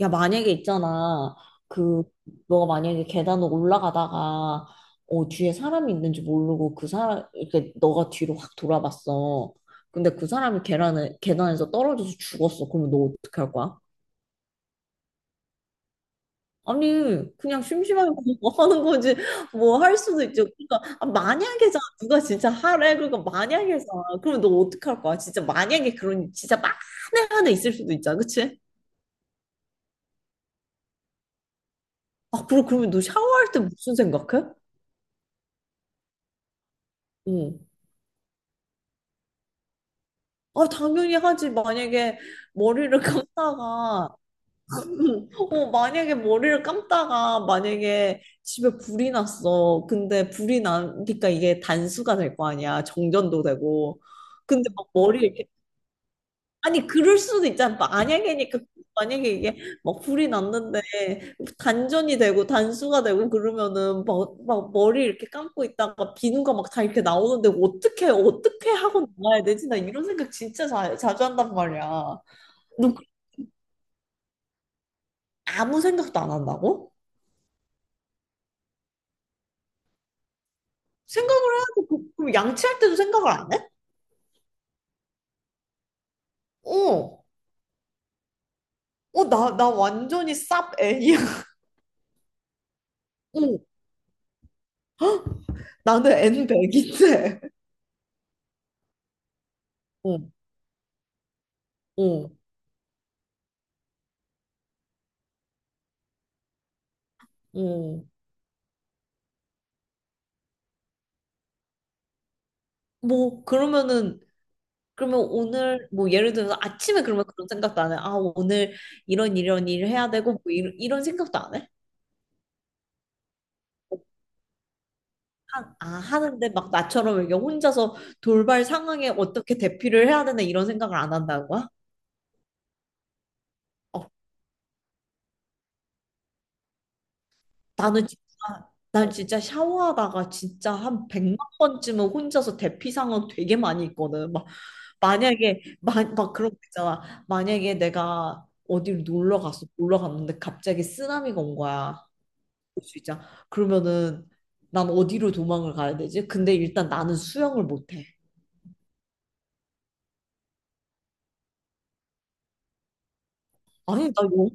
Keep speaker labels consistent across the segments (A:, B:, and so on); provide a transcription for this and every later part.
A: 야, 만약에 있잖아. 그, 너가 만약에 계단을 올라가다가, 뒤에 사람이 있는지 모르고 그 사람, 이렇게 너가 뒤로 확 돌아봤어. 근데 그 사람이 계단에서 떨어져서 죽었어. 그러면 너 어떻게 할 거야? 아니, 그냥 심심하게 그냥 뭐 하는 거지. 뭐 할 수도 있죠. 그러니까, 아, 만약에잖아. 누가 진짜 하래. 그러니까 만약에잖아. 그러면 너 어떻게 할 거야? 진짜 만약에 그런, 진짜 만에 하나 있을 수도 있잖아. 그치? 아, 그럼, 그러면 너 샤워할 때 무슨 생각해? 응. 아, 당연히 하지. 만약에 머리를 감다가, 만약에 머리를 감다가, 만약에 집에 불이 났어. 근데 불이 나니까 이게 단수가 될 거 아니야. 정전도 되고. 근데 막 머리 이렇게. 아니 그럴 수도 있잖아. 만약에니까 만약에 이게 막 불이 났는데 단전이 되고 단수가 되고 그러면은 막, 막 머리 이렇게 감고 있다가 비누가 막 다 이렇게 나오는데 어떻게 어떻게 하고 나가야 되지? 나 이런 생각 진짜 자주 한단 말이야. 너 그- 아무 생각도 안 한다고? 생각을 해야지. 그- 그럼 양치할 때도 생각을 안 해? 어. 나 완전히 쌉 N이야. 어, 나는 N100인데. 어, 어, 어. 뭐 그러면은 그러면 오늘 뭐 예를 들어서 아침에 그러면 그런 생각도 안 해. 아 오늘 이런 일을 해야 되고 뭐 이런, 이런 생각도 안 해? 하, 아 하는데 막 나처럼 이게 혼자서 돌발 상황에 어떻게 대피를 해야 되나 이런 생각을 안 한다는 거야? 어, 나는 진짜. 난 진짜 샤워하다가 진짜 한 백만 번쯤은 혼자서 대피 상황 되게 많이 있거든. 막 만약에 마, 막 그런 거 있잖아. 만약에 내가 어디를 놀러 갔어. 놀러 갔는데 갑자기 쓰나미가 온 거야. 수 있잖아. 그러면은 난 어디로 도망을 가야 되지? 근데 일단 나는 수영을 못해. 아니 나 영,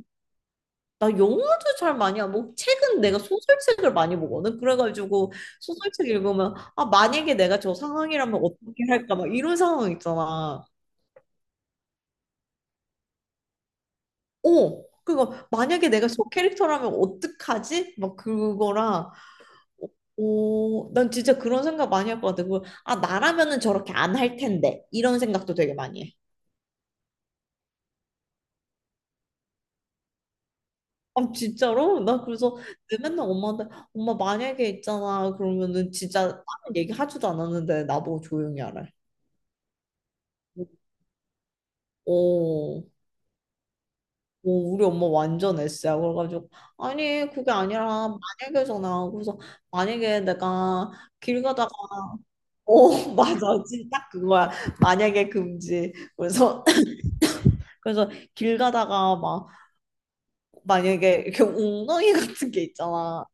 A: 나 영화도 잘 많이 안 보고 책은 내가 소설책을 많이 보거든. 그래가지고 소설책 읽으면 아 만약에 내가 저 상황이라면 어떻게 할까 막 이런 상황 있잖아. 어 그거 만약에 내가 저 캐릭터라면 어떡하지? 막 그거랑. 오, 난 진짜 그런 생각 많이 할 것 같아. 그리고, 아, 나라면은 저렇게 안 할 텐데. 이런 생각도 되게 많이 해. 아 진짜로? 나 그래서 내 맨날 엄마한테 엄마 만약에 있잖아 그러면은 진짜 다른 얘기 하지도 않았는데 나보고 조용히 하래. 오, 오 우리 엄마 완전 S야. 그래가지고 아니 그게 아니라 만약에잖아. 그래서 만약에 내가 길 가다가. 오 맞아. 진짜 딱 그거야. 만약에 금지. 그래서 그래서 길 가다가 막 만약에 이렇게 웅덩이 같은 게 있잖아.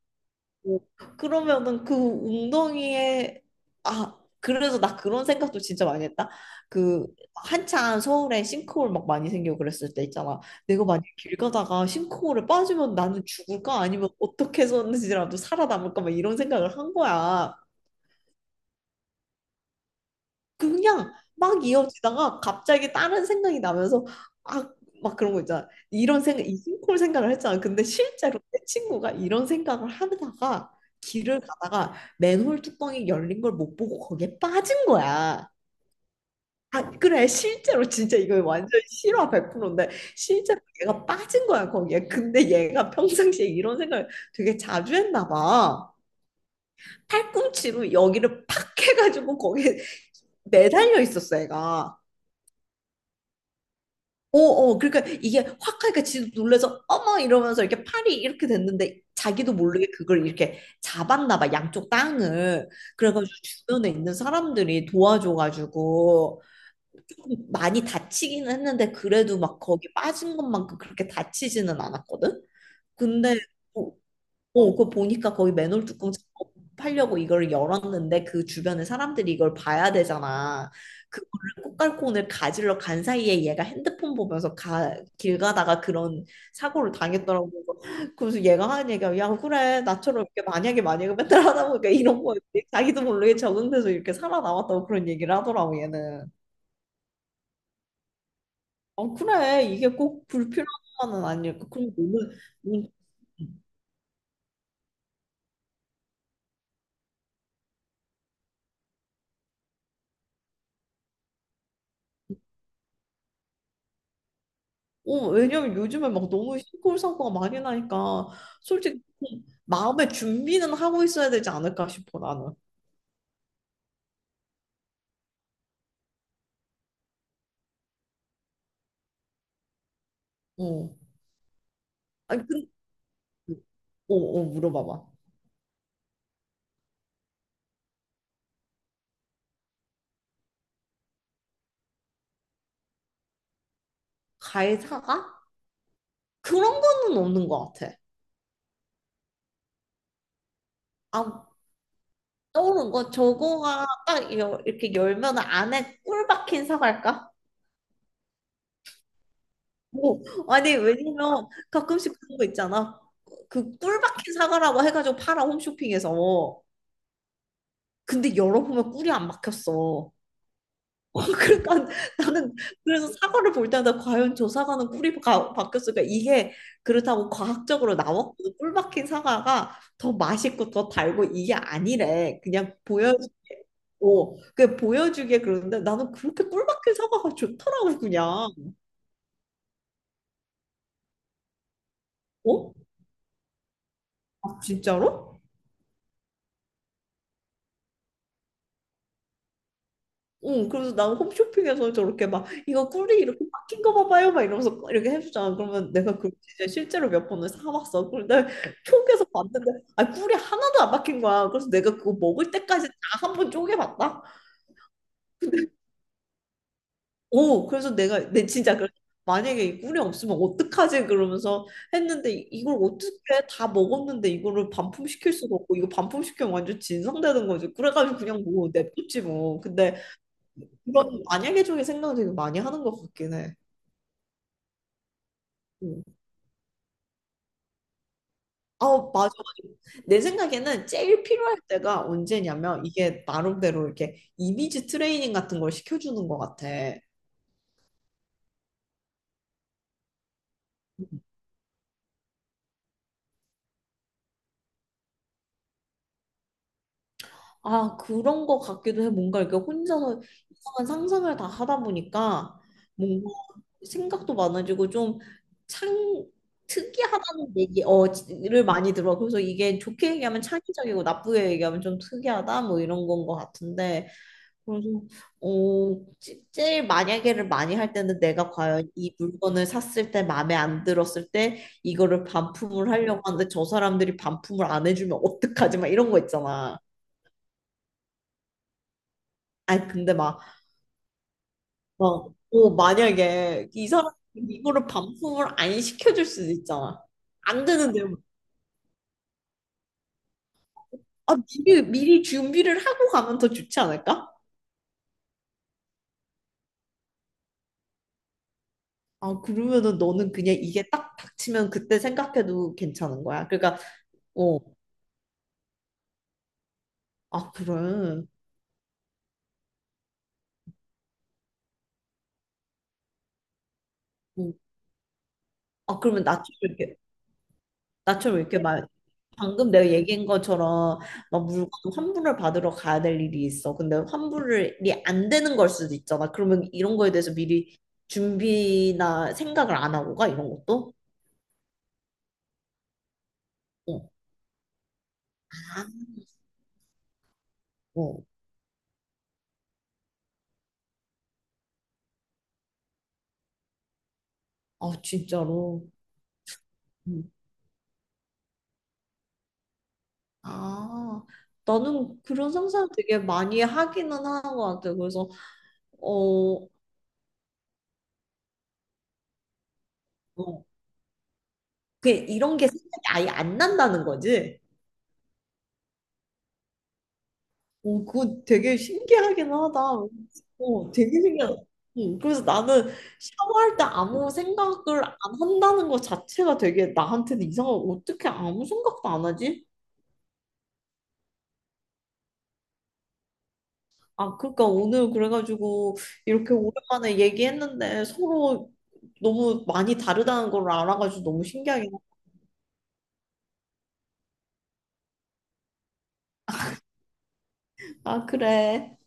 A: 오, 그러면은 그 웅덩이에. 아 그래서 나 그런 생각도 진짜 많이 했다. 그 한창 서울에 싱크홀 막 많이 생기고 그랬을 때 있잖아. 내가 만약 길 가다가 싱크홀에 빠지면 나는 죽을까 아니면 어떻게 해서든지라도 살아남을까 막 이런 생각을 한 거야. 그냥 막 이어지다가 갑자기 다른 생각이 나면서 아 막 그런 거 있잖아. 이런 생각, 이 심콜 생각을 했잖아. 근데 실제로 내 친구가 이런 생각을 하다가 길을 가다가 맨홀 뚜껑이 열린 걸 못 보고 거기에 빠진 거야. 아 그래 실제로 진짜 이거 완전 실화 100%인데 실제로 얘가 빠진 거야 거기에. 근데 얘가 평상시에 이런 생각을 되게 자주 했나 봐. 팔꿈치로 여기를 팍 해가지고 거기에 매달려 있었어 얘가. 어, 어, 그러니까 이게 확 하니까 지도 놀라서 어머 이러면서 이렇게 팔이 이렇게 됐는데 자기도 모르게 그걸 이렇게 잡았나 봐, 양쪽 땅을. 그래가지고 주변에 있는 사람들이 도와줘가지고 조금 많이 다치기는 했는데 그래도 막 거기 빠진 것만큼 그렇게 다치지는 않았거든? 근데 뭐 어, 그거 보니까 거기 맨홀 뚜껑 팔려고 이걸 열었는데 그 주변에 사람들이 이걸 봐야 되잖아. 그거를 꽃갈콘을 가지러 간 사이에 얘가 핸드폰 보면서 가, 길 가다가 그런 사고를 당했더라고. 그래서 얘가 하는 얘기가 야, 그래. 나처럼 이렇게 만약에 만약에 맨날 하다 보니까 이런 거였 자기도 모르게 적응돼서 이렇게 살아남았다고 그런 얘기를 하더라고 얘는. 어, 그래. 이게 꼭 불필요한 건 아니니까. 그럼 너는. 어, 왜냐면 요즘에 막 너무 시골 사고가 많이 나니까 솔직히 마음의 준비는 하고 있어야 되지 않을까 싶어 나는. 어. 아니 근데 어, 어 물어봐봐. 가해사가? 그런 거는 없는 것 같아. 아 떠오른 거 저거가 딱 여- 이렇게 열면 안에 꿀 박힌 사과일까? 뭐 아니 왜냐면 가끔씩 그런 거 있잖아. 그 꿀 박힌 사과라고 해가지고 팔아 홈쇼핑에서. 근데 열어보면 꿀이 안 박혔어. 그러니까 나는 그래서 사과를 볼 때마다 과연 저 사과는 꿀이 바뀌었을까? 이게 그렇다고 과학적으로 나왔거든. 꿀 박힌 사과가 더 맛있고 더 달고 이게 아니래. 그냥 보여주고 그 보여주게 그러는데 나는 그렇게 꿀 박힌 사과가 좋더라고 그냥. 어? 아, 진짜로? 응, 그래서 난 홈쇼핑에서 저렇게 막 이거 꿀이 이렇게 박힌 거 봐봐요 막 이러면서 이렇게 해주잖아. 그러면 내가 그 진짜 실제로 몇 번을 사왔어. 그런데 속에서 봤는데 아 꿀이 하나도 안 박힌 거야. 그래서 내가 그거 먹을 때까지 다 한 번 쪼개봤다. 오, 그래서 내가 내 진짜 그래. 만약에 이 꿀이 없으면 어떡하지? 그러면서 했는데 이- 이걸 어떻게 다 먹었는데 이거를 반품시킬 수도 없고 이거 반품시키면 완전 진상되는 거지. 그래가지고 그냥 뭐 냅뒀지 뭐. 근데 그런 만약에 쪽에 생각 되게 많이 하는 것 같긴 해. 음. 어, 맞아, 맞아. 내 생각에는 제일 필요할 때가 언제냐면 이게 나름대로 이렇게 이미지 트레이닝 같은 걸 시켜주는 것 같아. 아, 그런 것 같기도 해. 뭔가 이렇게 혼자서 이상한 상상을 다 하다 보니까 뭔가 생각도 많아지고 좀 창, 특이하다는 얘기, 어, 를 많이 들어. 그래서 이게 좋게 얘기하면 창의적이고 나쁘게 얘기하면 좀 특이하다 뭐 이런 건 것 같은데. 그래서 어, 제- 제일 만약에를 많이 할 때는 내가 과연 이 물건을 샀을 때 마음에 안 들었을 때 이거를 반품을 하려고 하는데 저 사람들이 반품을 안 해주면 어떡하지? 막 이런 거 있잖아. 아니 근데 막, 막 어, 만약에 이 사람이 이거를 반품을 안 시켜줄 수도 있잖아. 안 되는데 아, 미리 준비를 하고 가면 더 좋지 않을까? 아, 그러면은 너는 그냥 이게 딱 닥치면 그때 생각해도 괜찮은 거야. 그러니까, 어, 아, 그래. 어, 아, 그러면 나처럼 이렇게, 나처럼 이렇게 막, 방금 내가 얘기한 것처럼, 막 물건 환불을 받으러 가야 될 일이 있어. 근데 환불이 안 되는 걸 수도 있잖아. 그러면 이런 거에 대해서 미리 준비나 생각을 안 하고 가, 이런 것도? 어, 아, 어. 아, 진짜로. 음. 아, 나는 그런 상상을 되게 많이 하기는 하는 것 같아. 그래서, 어, 어, 그게 이런 게 생각이 아예 안 난다는 거지? 오, 그거 되게 신기하긴 하다. 어, 되게 신기하다. 응, 그래서 나는 샤워할 때 아무 생각을 안 한다는 것 자체가 되게 나한테는 이상하고 어떻게 아무 생각도 안 하지? 아, 그러니까 오늘 그래가지고 이렇게 오랜만에 얘기했는데 서로 너무 많이 다르다는 걸 알아가지고 너무 신기하긴 하. 아, 그래.